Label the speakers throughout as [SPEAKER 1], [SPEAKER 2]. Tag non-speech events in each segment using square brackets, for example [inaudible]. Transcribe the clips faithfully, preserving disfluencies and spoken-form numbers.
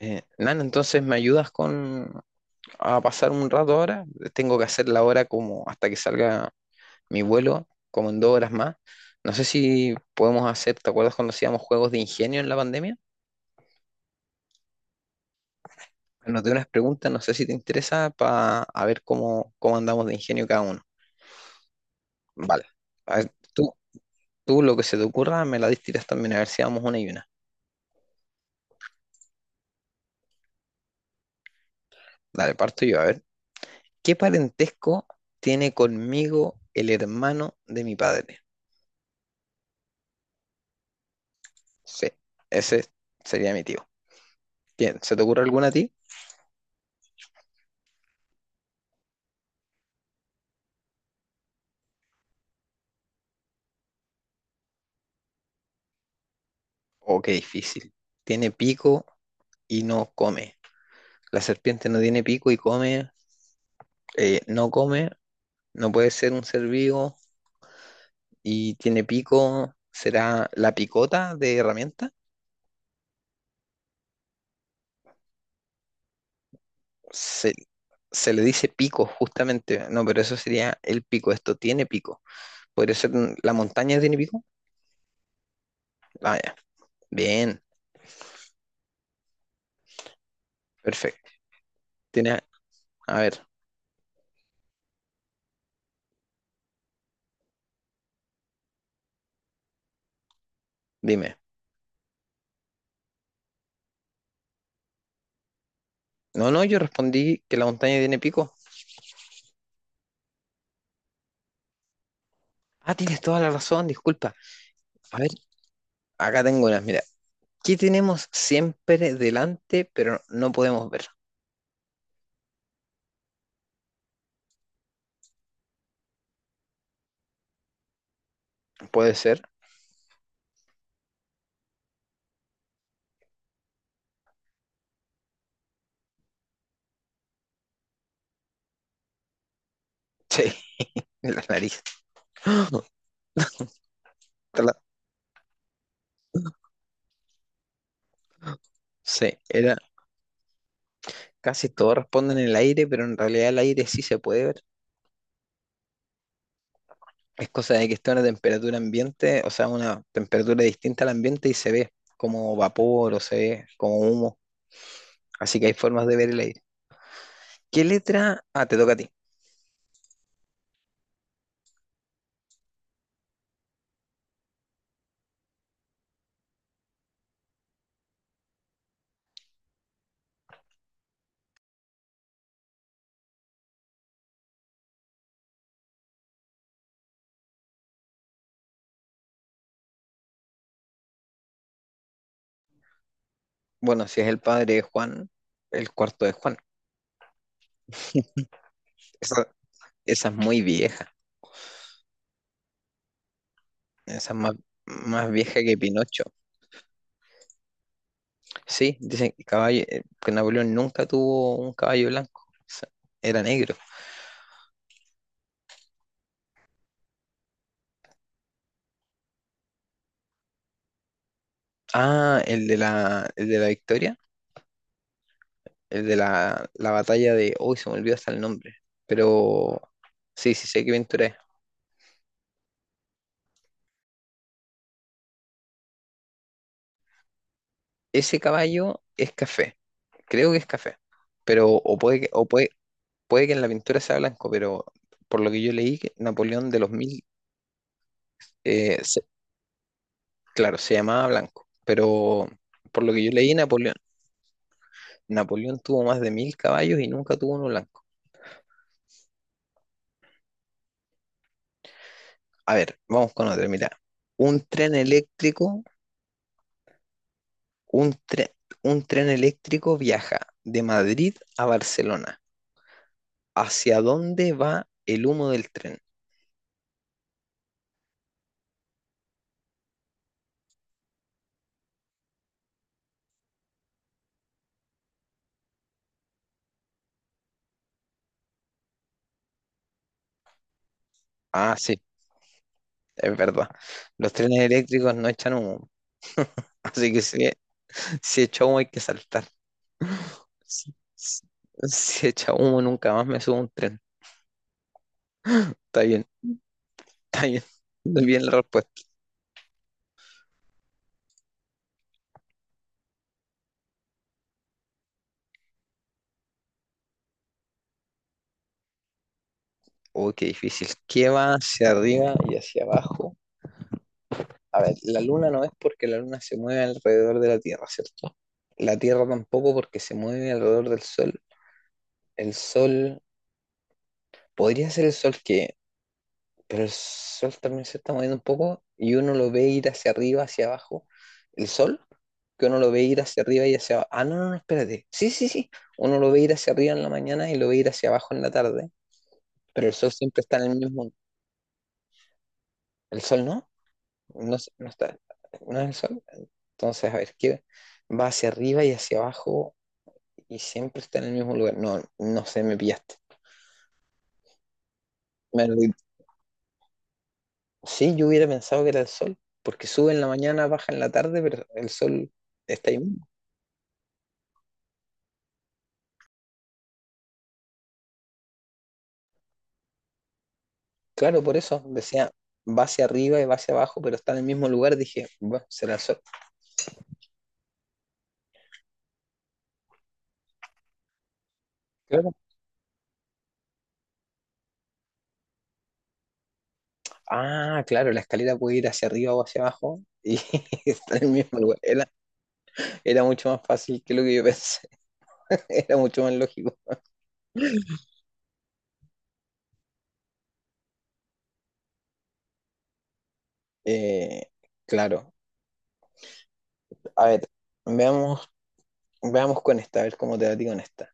[SPEAKER 1] Eh, Nan, entonces me ayudas con a pasar un rato ahora. Tengo que hacer la hora como hasta que salga mi vuelo, como en dos horas más. No sé si podemos hacer, ¿te acuerdas cuando hacíamos juegos de ingenio en la pandemia? Nos dio unas preguntas, no sé si te interesa, para a ver cómo, cómo andamos de ingenio cada uno. Vale. A ver, tú, tú lo que se te ocurra, me la distiras también, a ver si damos una y una. Dale, parto yo, a ver. ¿Qué parentesco tiene conmigo el hermano de mi padre? Sí, ese sería mi tío. Bien, ¿se te ocurre alguna a ti? Oh, qué difícil. Tiene pico y no come. La serpiente no tiene pico y come, eh, no come, no puede ser un ser vivo y tiene pico. ¿Será la picota de herramienta? Se, se le dice pico justamente. No, pero eso sería el pico. Esto tiene pico. ¿Podría ser un- la montaña tiene pico? Vaya, bien, perfecto. Tiene, a ver, dime. No, no, yo respondí que la montaña tiene pico. Ah, tienes toda la razón, disculpa. A ver, acá tengo unas, mira. ¿Qué tenemos siempre delante, pero no podemos ver? Puede ser. Sí, [laughs] la nariz. [gasps] Tala. Sí, era. Casi todos responden en el aire, pero en realidad el aire sí se puede ver. Es cosa de que está a una temperatura ambiente, o sea, una temperatura distinta al ambiente y se ve como vapor o se ve como humo. Así que hay formas de ver el aire. ¿Qué letra? Ah, te toca a ti. Bueno, si es el padre de Juan, el cuarto de Juan. Esa, esa es muy vieja. Esa es más, más vieja que Pinocho. Sí, dicen que, caballo, eh, que Napoleón nunca tuvo un caballo blanco. O sea, era negro. Ah, el de la, el de la victoria. El de la, la batalla de. Uy, se me olvidó hasta el nombre. Pero sí, sí sé qué pintura es. Ese caballo es café. Creo que es café. Pero, o puede que, o puede, puede que en la pintura sea blanco, pero por lo que yo leí, que Napoleón de los mil, eh, se- claro, se llamaba blanco. Pero por lo que yo leí, Napoleón. Napoleón tuvo más de mil caballos y nunca tuvo uno blanco. A ver, vamos con otro. Mira, un tren eléctrico, un tren, un tren eléctrico viaja de Madrid a Barcelona. ¿Hacia dónde va el humo del tren? Ah, sí, es verdad. Los trenes eléctricos no echan humo, [laughs] así que si, si echa humo hay que saltar. [laughs] Si, si- si echa humo nunca más me subo a un tren. Está bien, está bien. Muy bien la respuesta. Oh, qué difícil. ¿Qué va hacia arriba y hacia abajo? A ver, la luna no es porque la luna se mueve alrededor de la Tierra, ¿cierto? La Tierra tampoco porque se mueve alrededor del Sol. El Sol, podría ser el Sol que, pero el Sol también se está moviendo un poco y uno lo ve ir hacia arriba, hacia abajo. El Sol, que uno lo ve ir hacia arriba y hacia abajo. Ah, no, no, no, espérate. Sí, sí, sí. Uno lo ve ir hacia arriba en la mañana y lo ve ir hacia abajo en la tarde, pero el Sol siempre está en el mismo. ¿El Sol no? No, se- no está. ¿No es el Sol? Entonces, a ver, ¿qué? Va hacia arriba y hacia abajo y siempre está en el mismo lugar. No, no sé, me pillaste. Me lo- sí, yo hubiera pensado que era el sol, porque sube en la mañana, baja en la tarde, pero el sol está ahí mismo. Claro, por eso decía, va hacia arriba y va hacia abajo, pero está en el mismo lugar. Dije, bueno, será el sol. Claro. Ah, claro, la escalera puede ir hacia arriba o hacia abajo y [laughs] está en el mismo lugar. Era, era mucho más fácil que lo que yo pensé, [laughs] era mucho más lógico. Eh, claro, a ver, veamos, veamos con esta, a ver cómo te va a ti con esta.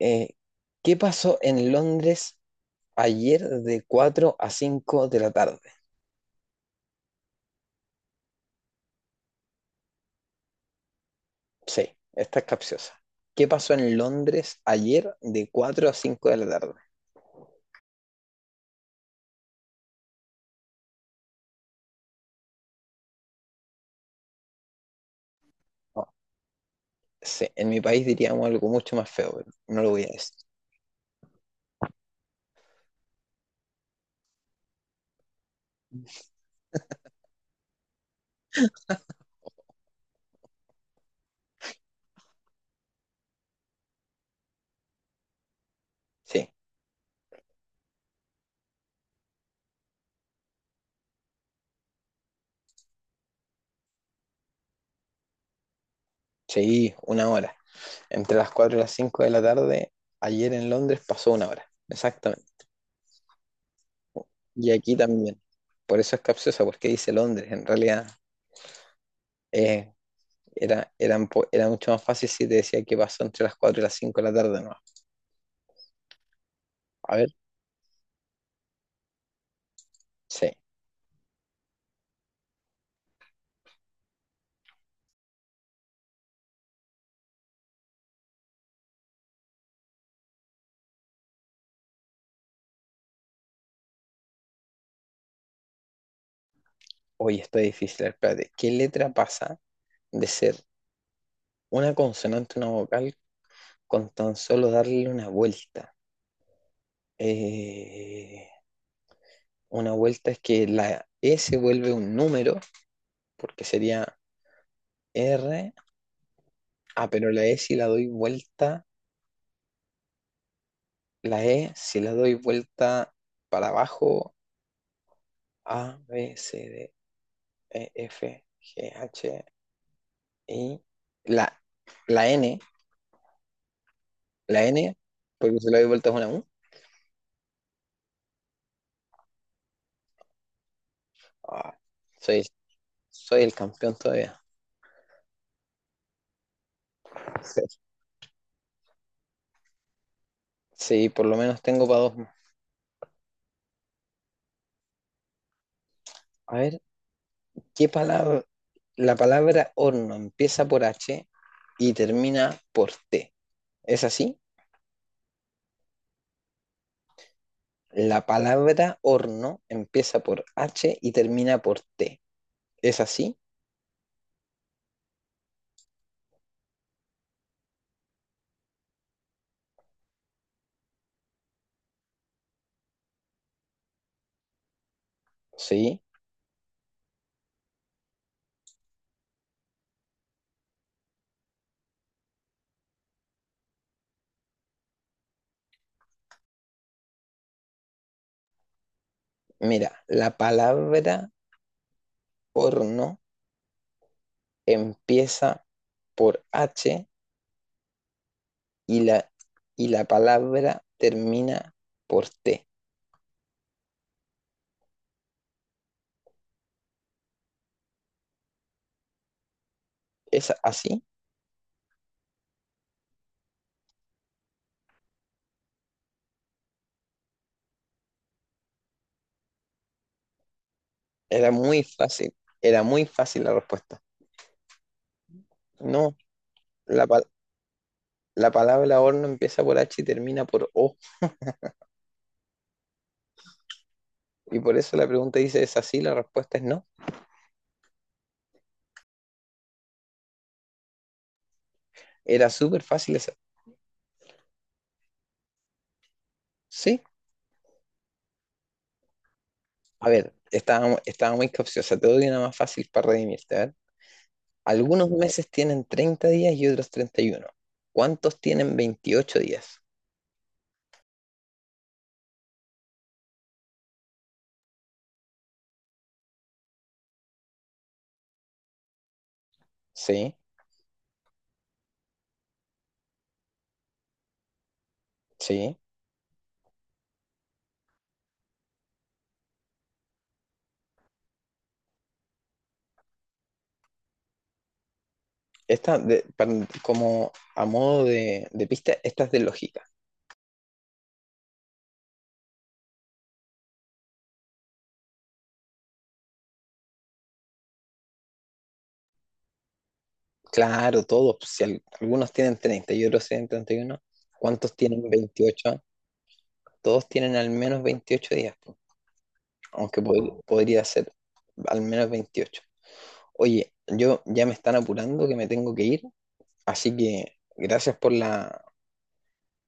[SPEAKER 1] Eh, ¿qué pasó en Londres ayer de cuatro a cinco de la tarde? Sí, esta es capciosa. ¿Qué pasó en Londres ayer de cuatro a cinco de la tarde? No, sí, en mi país diríamos algo mucho más feo, pero no lo voy a decir. Sí, sí, una hora. Entre las cuatro y las cinco de la tarde, ayer en Londres pasó una hora. Exactamente. Y aquí también. Por eso es capciosa, porque dice Londres. En realidad, eh, era, era, un po- era mucho más fácil si te decía que pasó entre las cuatro y las cinco de la tarde, ¿no? A ver, sí. Hoy está difícil, espérate. ¿Qué letra pasa de ser una consonante, una vocal, con tan solo darle una vuelta? Eh, una vuelta es que la E se vuelve un número, porque sería erre. Ah, pero la E si la doy vuelta, la E si la doy vuelta para abajo, a, be, ce, de, e, efe, ge, hache, i. La, la N, la N, porque si la doy vuelta es una U. Ah, soy soy el campeón todavía. [laughs] Sí, sí, por lo menos tengo para dos más. A ver, ¿qué palabra? La palabra horno empieza por hache y termina por te. ¿Es así? La palabra horno empieza por H y termina por T. ¿Es así? Sí. Mira, la palabra horno empieza por H y la, y la palabra termina por T. ¿Es así? Era muy fácil. Era muy fácil la respuesta. No, la, pa- la palabra horno empieza por H y termina por O. Y por eso la pregunta dice, ¿es así? La respuesta es no. Era súper fácil esa. Sí. A ver, estaba, mu- estaba muy capciosa. Te doy una más fácil para redimirte. A ver. Algunos meses tienen treinta días y otros treinta y uno. ¿Cuántos tienen veintiocho días? Sí, sí. Esta, de- para- como a modo de, de pista, esta es de lógica. Claro, todos, si al- algunos tienen treinta y otros tienen treinta y uno. ¿Cuántos tienen veintiocho? Todos tienen al menos veintiocho días, po, aunque pod- podría ser al menos veintiocho. Oye, yo ya me están apurando que me tengo que ir, así que gracias por la,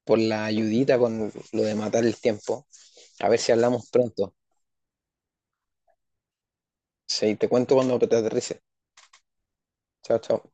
[SPEAKER 1] por la ayudita con lo de matar el tiempo. A ver si hablamos pronto. Sí, te cuento cuando te aterrice. Chao, chao.